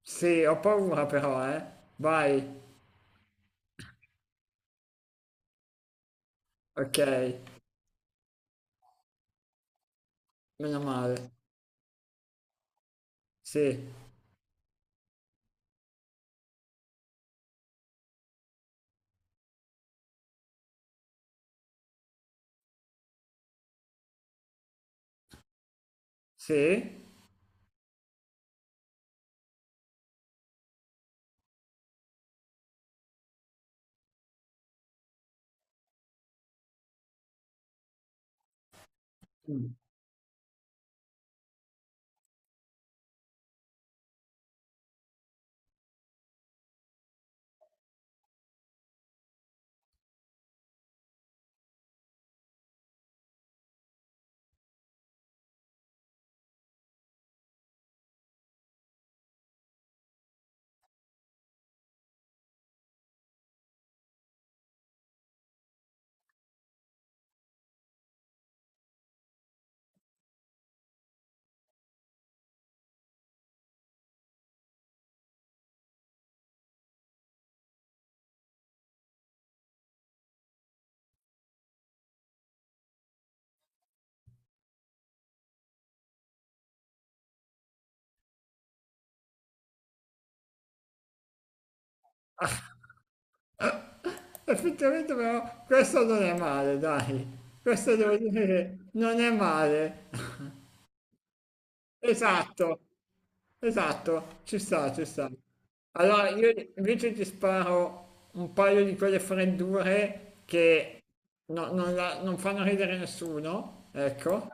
Sì, ho paura però, eh. Vai. Ok, meno male. Sì, sì. Mm. Effettivamente però questo non è male, dai. Questo devo dire che non è male. Esatto, esatto. Ci sta, ci sta. Allora, io invece ti sparo un paio di quelle freddure che non, non fanno ridere nessuno, ecco.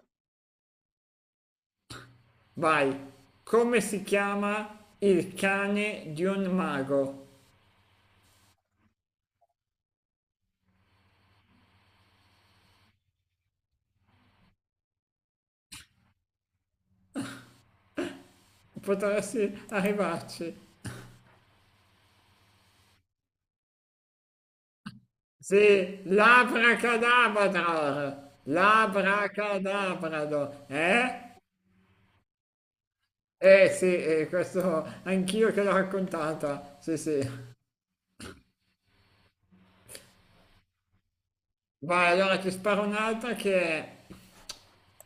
Vai. Come si chiama il cane di un mago? Potresti arrivarci. Sì, l'abracadabrador, l'abracadabrador, eh? Eh sì, questo anch'io che l'ho raccontata, sì sì. Vai, allora ti sparo un'altra che è...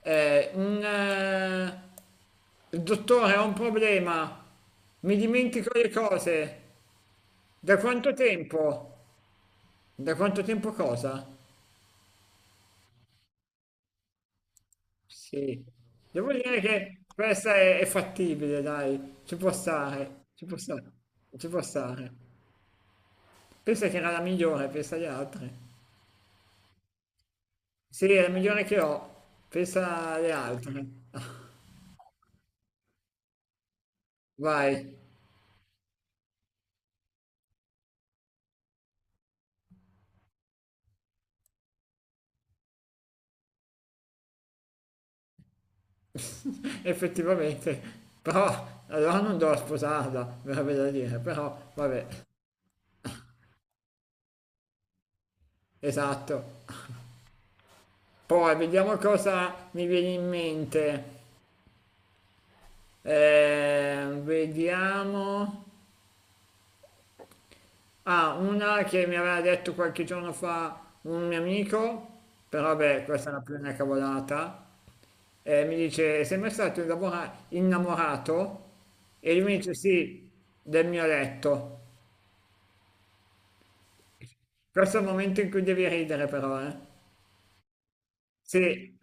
Eh, un, eh, il dottore, ho un problema. Mi dimentico le cose. Da quanto tempo? Da quanto tempo cosa? Sì. Devo dire che questa è fattibile, dai. Ci può stare, ci può stare, ci può stare. Pensa che era la migliore, pensa alle altre. Sì, è la migliore che ho, pensa alle altre. Vai. Effettivamente. Però allora non devo sposarla, verrebbe da dire, però vabbè, esatto. Poi vediamo cosa mi viene in mente. Vediamo. Ah, una che mi aveva detto qualche giorno fa un mio amico, però beh, questa è una più una cavolata, mi dice, sei mai stato innamorato? E lui mi dice, sì, del mio letto. Questo è il momento in cui devi ridere però, eh. Sì,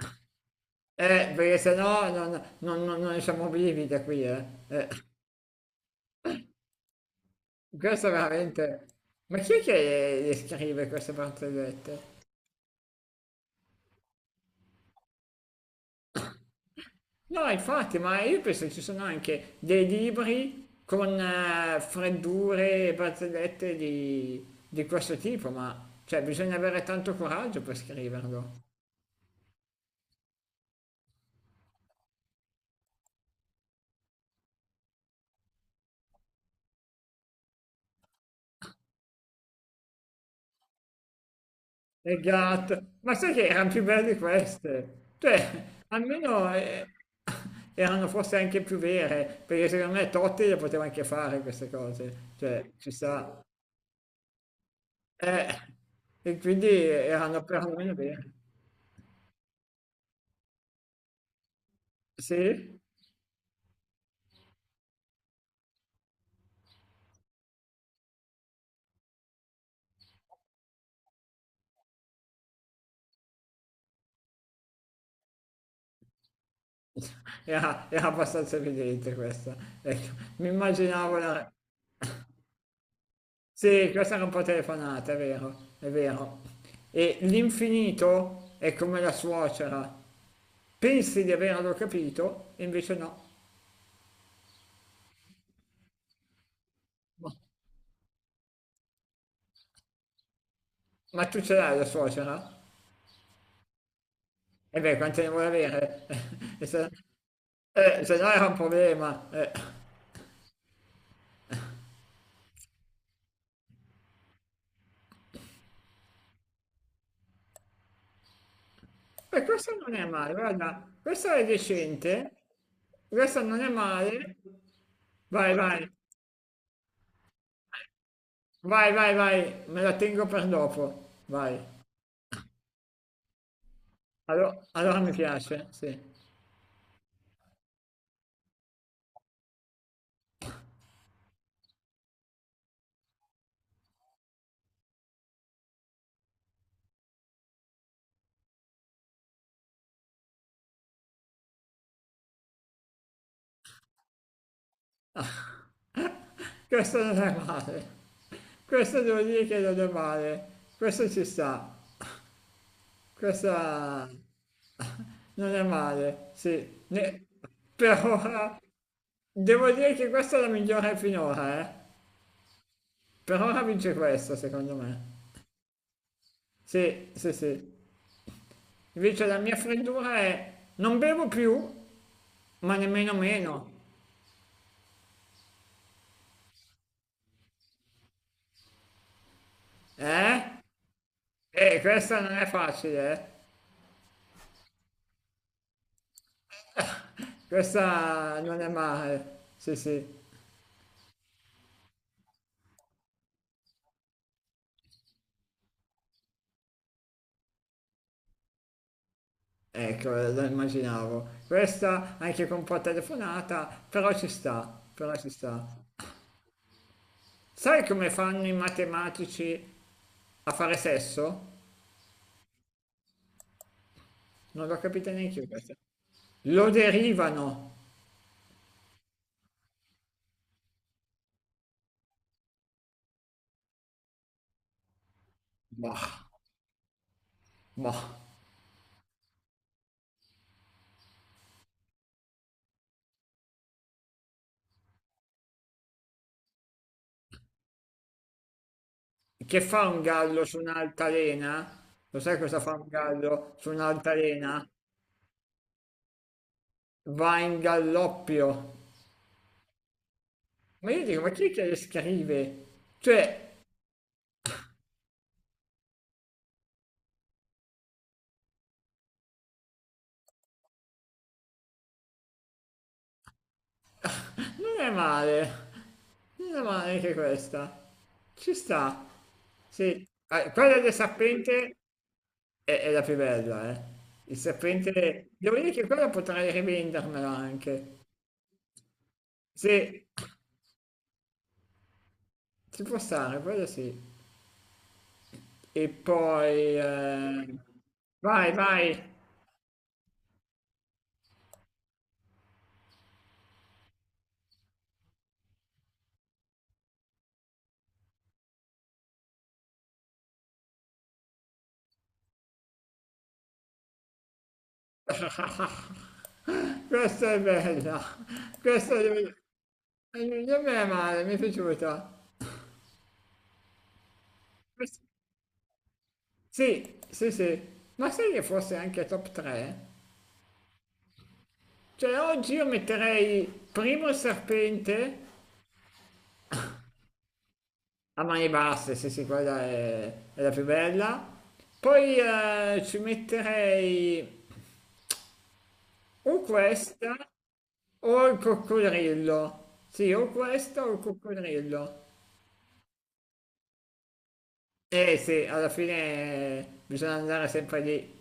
perché sennò non siamo vivi da qui, eh. Eh. Questo è veramente. Ma chi è che le scrive queste barzellette? No, infatti, ma io penso che ci sono anche dei libri con freddure e barzellette di questo tipo, ma cioè, bisogna avere tanto coraggio per scriverlo. E gatto, ma sai che erano più belle di queste? Cioè, almeno erano forse anche più vere, perché secondo me Totti le poteva anche fare queste cose, cioè, ci sta. Eh, e quindi erano perlomeno vere. Sì? Era abbastanza evidente questa. Ecco, mi immaginavo la. Sì, questa era un po' telefonata, è vero, è vero. E l'infinito è come la suocera. Pensi di averlo capito, e invece no. Ma, ma tu ce l'hai la suocera? E beh, quante ne vuoi avere? E se no era un problema. Beh, questo non è male, guarda, questo è decente, questo non è male. Vai, vai. Vai, vai, vai, me la tengo per dopo. Vai. Allora, mi piace, sì. Questo non è male. Questo devo dire che non è male. Questo ci sta. Questa non è male, sì. Per ora devo dire che questa è la migliore finora, eh. Per ora vince questa, secondo me. Sì, sì, sì. Invece la mia freddura è non bevo più, ma nemmeno meno. Eh? E questa non è facile, eh? Questa non è male, sì sì, ecco, lo immaginavo. Questa anche con un po' telefonata, però ci sta, però ci sta. Sai come fanno i matematici a fare sesso? Non l'ho capita neanche io questa. Lo derivano. Bah, bah. Che fa un gallo su un'altalena? Lo sai cosa fa un gallo su un'altalena? Va in galloppio. Ma io dico, ma chi è che le scrive? Cioè, non è male. Non è male anche questa. Ci sta. Sì. Ah, quella del serpente è la più bella, eh. Devo dire che quella potrei rivendermela anche. Sì, ci può stare, quella sì. E poi... eh, Vai, vai. Questa è bella. Questa è... Non mi è male, mi è piaciuta. Questa- Sì, sì, sì. Ma sai che forse anche top 3? Cioè oggi io metterei primo il serpente a mani basse, sì sì, quella è la più bella. Poi ci metterei o questa o il coccodrillo. Sì, o questo o il coccodrillo. Eh sì, alla fine bisogna andare sempre lì.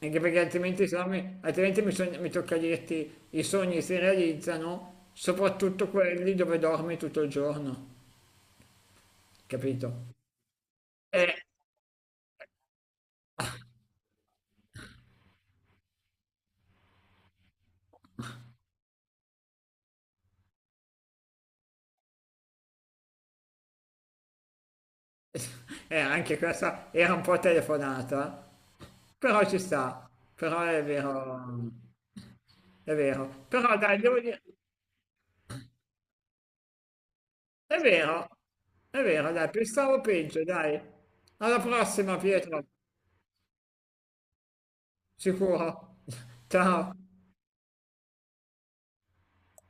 Anche perché altrimenti, se no mi, altrimenti mi, sogn- mi tocca dirti i sogni si realizzano, soprattutto quelli dove dormi tutto il giorno, capito? Eh, anche questa era un po' telefonata, però ci sta, però è vero, però dai, devo dire, è vero, è vero, dai, pensavo peggio, dai, alla prossima Pietro, sicuro, ciao.